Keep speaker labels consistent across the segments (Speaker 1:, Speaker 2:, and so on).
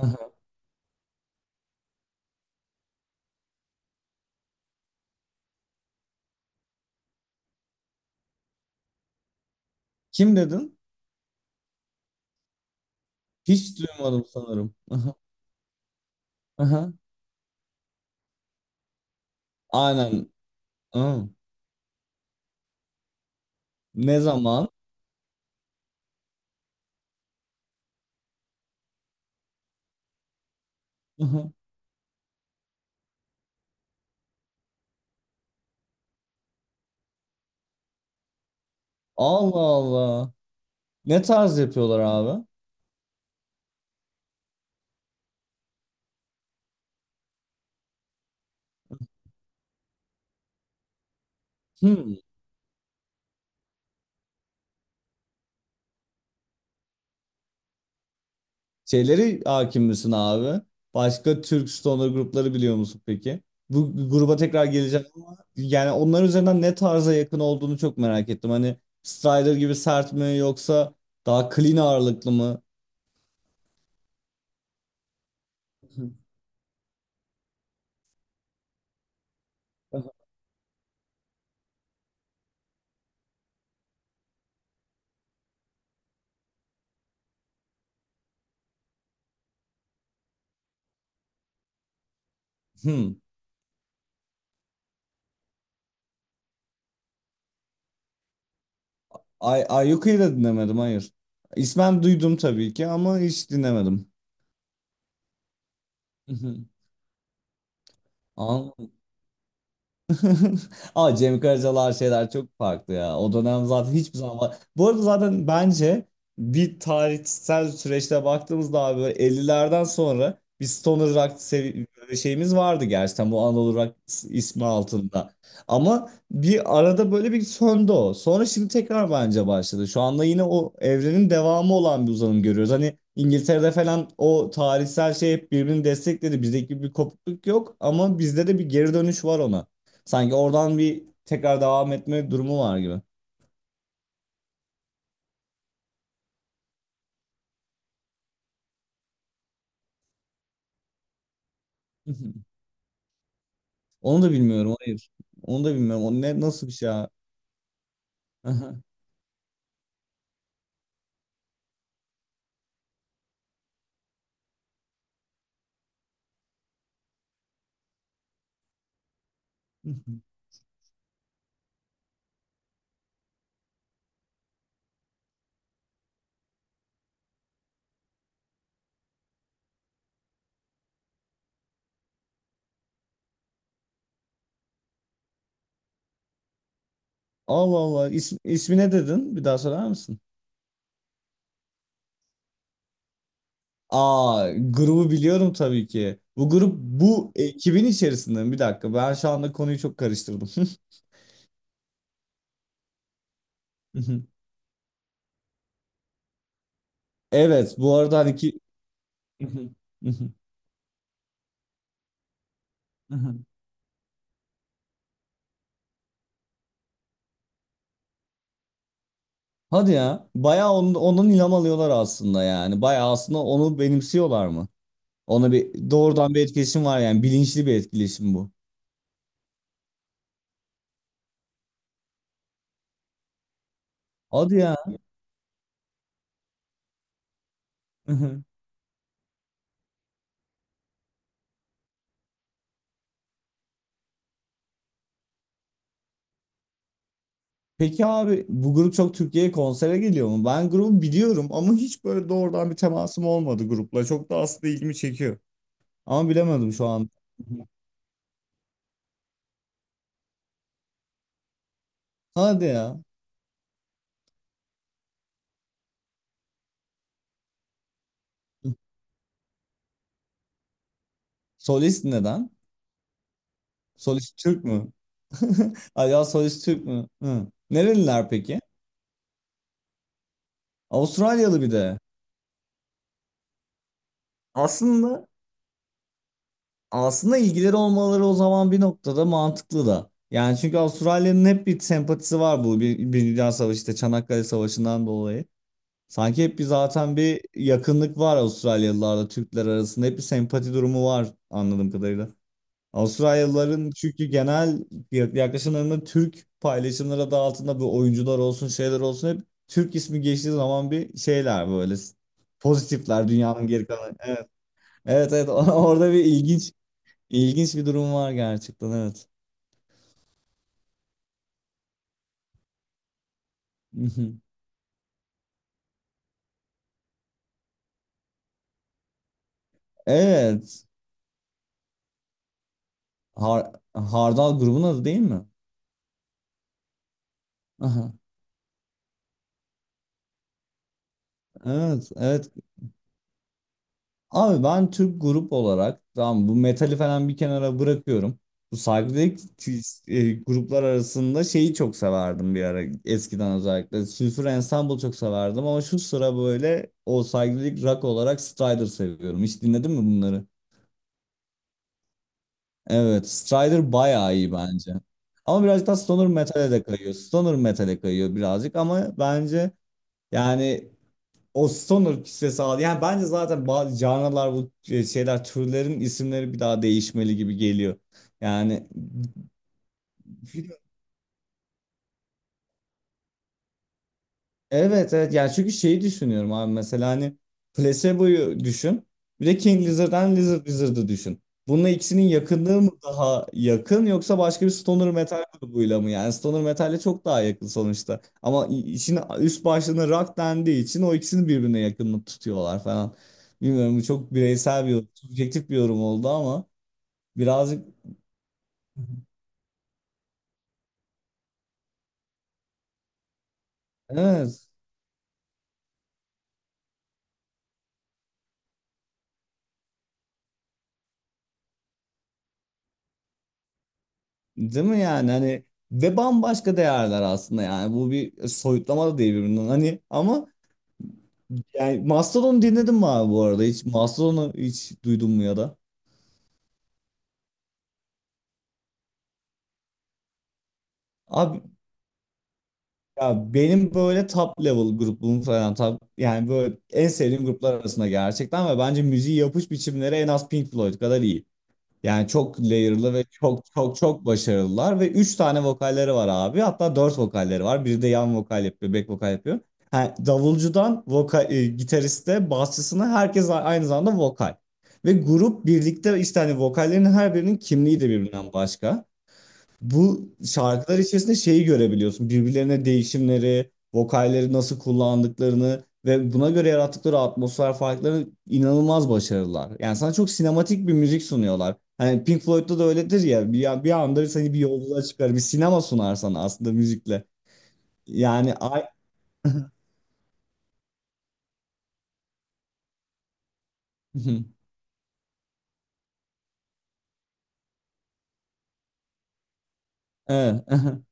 Speaker 1: Aha. Kim dedin? Hiç duymadım sanırım. Aha. Aha. Aynen. Aa. Ne zaman? Aha. Allah Allah. Ne tarz yapıyorlar abi? Hmm. Şeyleri hakim misin abi? Başka Türk stoner grupları biliyor musun peki? Bu gruba tekrar geleceğim ama yani onlar üzerinden ne tarza yakın olduğunu çok merak ettim. Hani Strider gibi sert mi yoksa daha clean ağırlıklı mı? Hı. Hmm. Ayyuka'yı da dinlemedim, hayır. İsmen duydum tabii ki ama hiç dinlemedim. Ama Cem Karacalar şeyler çok farklı ya. O dönem zaten hiçbir zaman var. Bu arada zaten bence bir tarihsel süreçte baktığımızda abi böyle 50'lerden sonra bir stoner rock böyle şeyimiz vardı gerçekten, bu Anadolu Rock ismi altında. Ama bir arada böyle bir söndü o. Sonra şimdi tekrar bence başladı. Şu anda yine o evrenin devamı olan bir uzanım görüyoruz. Hani İngiltere'de falan o tarihsel şey hep birbirini destekledi. Bizdeki bir kopukluk yok ama bizde de bir geri dönüş var ona. Sanki oradan bir tekrar devam etme durumu var gibi. Onu da bilmiyorum, hayır. Onu da bilmiyorum. O ne, nasıl bir şey ya? Aha. Allah Allah. İsm, ismi ne dedin? Bir daha söyler misin? Aa, grubu biliyorum tabii ki. Bu grup bu ekibin içerisinde mi? Bir dakika. Ben şu anda konuyu çok karıştırdım. Evet, bu arada hani ki Hadi ya. Bayağı ondan ilham alıyorlar aslında yani. Bayağı aslında onu benimsiyorlar mı? Ona bir doğrudan bir etkileşim var yani, bilinçli bir etkileşim bu. Hadi ya. Peki abi, bu grup çok Türkiye'ye konsere geliyor mu? Ben grubu biliyorum ama hiç böyle doğrudan bir temasım olmadı grupla. Çok da aslında ilgimi çekiyor. Ama bilemedim şu an. Hadi ya. Solist neden? Solist Türk mü? Ay ya, solist Türk mü? Hı. Nereliler peki? Avustralyalı bir de. Aslında Aslında ilgileri olmaları o zaman bir noktada mantıklı da. Yani çünkü Avustralya'nın hep bir sempatisi var, bu bir Dünya Savaşı, işte Çanakkale Savaşı'ndan dolayı. Sanki hep bir zaten bir yakınlık var Avustralyalılarla Türkler arasında, hep bir sempati durumu var anladığım kadarıyla. Avustralyalıların çünkü genel yaklaşımlarında Türk paylaşımları adı altında, bu oyuncular olsun şeyler olsun, hep Türk ismi geçtiği zaman bir şeyler böyle pozitifler, dünyanın geri kalanı. Evet. Evet, evet, orada bir ilginç, İlginç bir durum var gerçekten, evet. Mhm. Evet. Hardal grubun adı değil mi? Aha. Evet, evet. Abi ben Türk grup olarak, tamam bu metali falan bir kenara bırakıyorum. Bu saygıdeğer gruplar arasında şeyi çok severdim bir ara, eskiden özellikle. Sülfür Ensemble çok severdim ama şu sıra böyle o saygıdeğer rock olarak Strider seviyorum. Hiç dinledin mi bunları? Evet, Strider bayağı iyi bence. Ama birazcık daha Stoner Metal'e de kayıyor. Stoner Metal'e kayıyor birazcık ama bence yani o Stoner kisvesi aldı. Yani bence zaten bazı canlılar, bu şeyler, türlerin isimleri bir daha değişmeli gibi geliyor. Yani evet, evet yani çünkü şeyi düşünüyorum abi, mesela hani Placebo'yu düşün, bir de King Lizard'dan Lizard Wizard'ı düşün. Bununla ikisinin yakınlığı mı daha yakın, yoksa başka bir stoner metal grubuyla mı? Yani stoner metale çok daha yakın sonuçta. Ama işin üst başlığına rock dendiği için o ikisini birbirine yakınlık tutuyorlar falan. Bilmiyorum, bu çok bireysel bir yorum, subjektif bir yorum oldu ama birazcık, evet, değil mi yani hani, ve bambaşka değerler aslında yani, bu bir soyutlama da değil birbirinden hani, ama yani Mastodon'u dinledin mi abi bu arada? Hiç Mastodon'u hiç duydun mu, ya da? Abi ya, benim böyle top level grubum falan, yani böyle en sevdiğim gruplar arasında gerçekten, ve bence müziği yapış biçimleri en az Pink Floyd kadar iyi. Yani çok layer'lı ve çok çok çok başarılılar, ve 3 tane vokalleri var abi. Hatta 4 vokalleri var. Biri de yan vokal yapıyor, back vokal yapıyor. Ha, davulcudan vokal, gitariste, basçısına herkes aynı zamanda vokal. Ve grup birlikte, işte hani vokallerin her birinin kimliği de birbirinden başka. Bu şarkılar içerisinde şeyi görebiliyorsun. Birbirlerine değişimleri, vokalleri nasıl kullandıklarını ve buna göre yarattıkları atmosfer farkları, inanılmaz başarılılar. Yani sana çok sinematik bir müzik sunuyorlar. Hani Pink Floyd'da da öyledir ya. Bir anda seni bir yolculuğa çıkar. Bir sinema sunar sana aslında müzikle. Yani ay... Evet.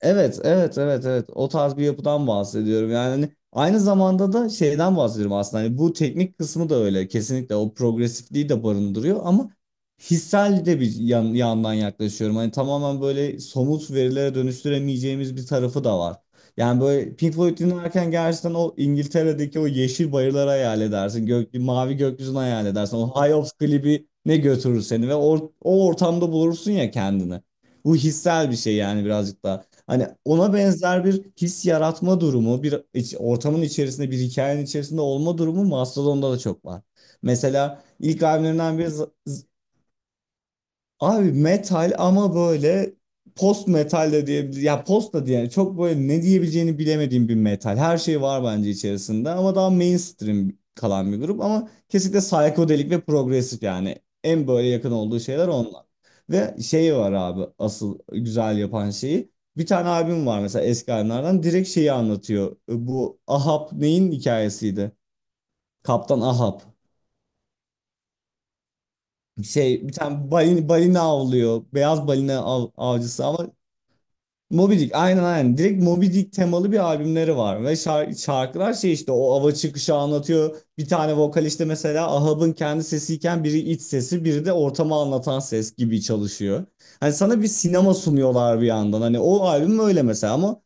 Speaker 1: Evet, evet, evet, evet. O tarz bir yapıdan bahsediyorum. Yani hani aynı zamanda da şeyden bahsediyorum aslında. Hani bu teknik kısmı da öyle. Kesinlikle o progresifliği de barındırıyor ama hissel de bir yandan yaklaşıyorum. Hani tamamen böyle somut verilere dönüştüremeyeceğimiz bir tarafı da var. Yani böyle Pink Floyd dinlerken gerçekten o İngiltere'deki o yeşil bayırları hayal edersin. Mavi gökyüzünü hayal edersin. O High Hopes klibi ne götürür seni ve o ortamda bulursun ya kendini. Bu hissel bir şey yani, birazcık da. Hani ona benzer bir his yaratma durumu, bir ortamın içerisinde, bir hikayenin içerisinde olma durumu Mastodon'da da çok var. Mesela ilk albümlerinden biri, abi metal ama böyle post metal de diyebilir. Ya post da, yani çok böyle ne diyebileceğini bilemediğim bir metal. Her şey var bence içerisinde, ama daha mainstream kalan bir grup, ama kesinlikle psychedelic ve progresif yani. En böyle yakın olduğu şeyler onlar. Ve şey var abi, asıl güzel yapan şeyi. Bir tane albüm var mesela, eski albümlerden, direkt şeyi anlatıyor. Bu Ahab neyin hikayesiydi? Kaptan Ahab. Şey, bir tane balina avlıyor. Beyaz balina avcısı ama Moby Dick, aynen, aynen. Direkt Moby Dick temalı bir albümleri var, ve şarkılar, şey işte o ava çıkışı anlatıyor. Bir tane vokal işte, mesela Ahab'ın kendi sesiyken, biri iç sesi, biri de ortamı anlatan ses gibi çalışıyor. Hani sana bir sinema sunuyorlar bir yandan. Hani o albüm öyle mesela, ama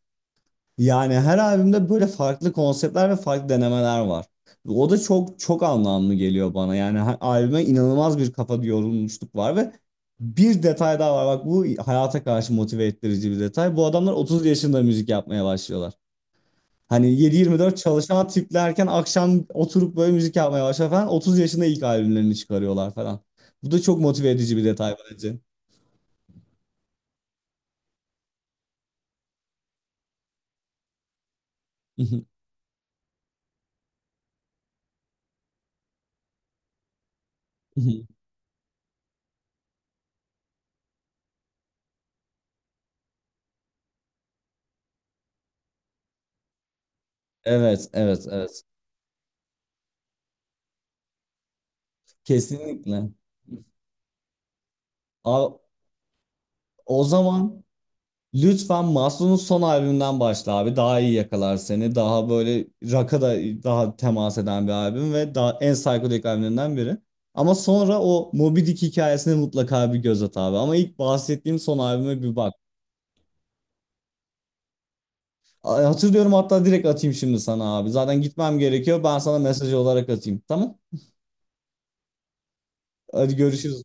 Speaker 1: yani her albümde böyle farklı konseptler ve farklı denemeler var. O da çok çok anlamlı geliyor bana. Yani her albüme inanılmaz bir kafa yorulmuşluk var, ve bir detay daha var. Bak, bu hayata karşı motive ettirici bir detay. Bu adamlar 30 yaşında müzik yapmaya başlıyorlar. Hani 7-24 çalışan tiplerken, akşam oturup böyle müzik yapmaya başlıyor falan. 30 yaşında ilk albümlerini çıkarıyorlar falan. Bu da çok motive edici bir detay bence. Evet, evet, evet. Kesinlikle. A- O zaman lütfen Maslow'un son albümünden başla abi. Daha iyi yakalar seni. Daha böyle rock'a da daha temas eden bir albüm, ve daha en psikodelik albümlerinden biri. Ama sonra o Moby Dick hikayesine mutlaka bir göz at abi. Ama ilk bahsettiğim son albüme bir bak. Hatırlıyorum, hatta direkt atayım şimdi sana abi. Zaten gitmem gerekiyor. Ben sana mesaj olarak atayım. Tamam? Hadi görüşürüz.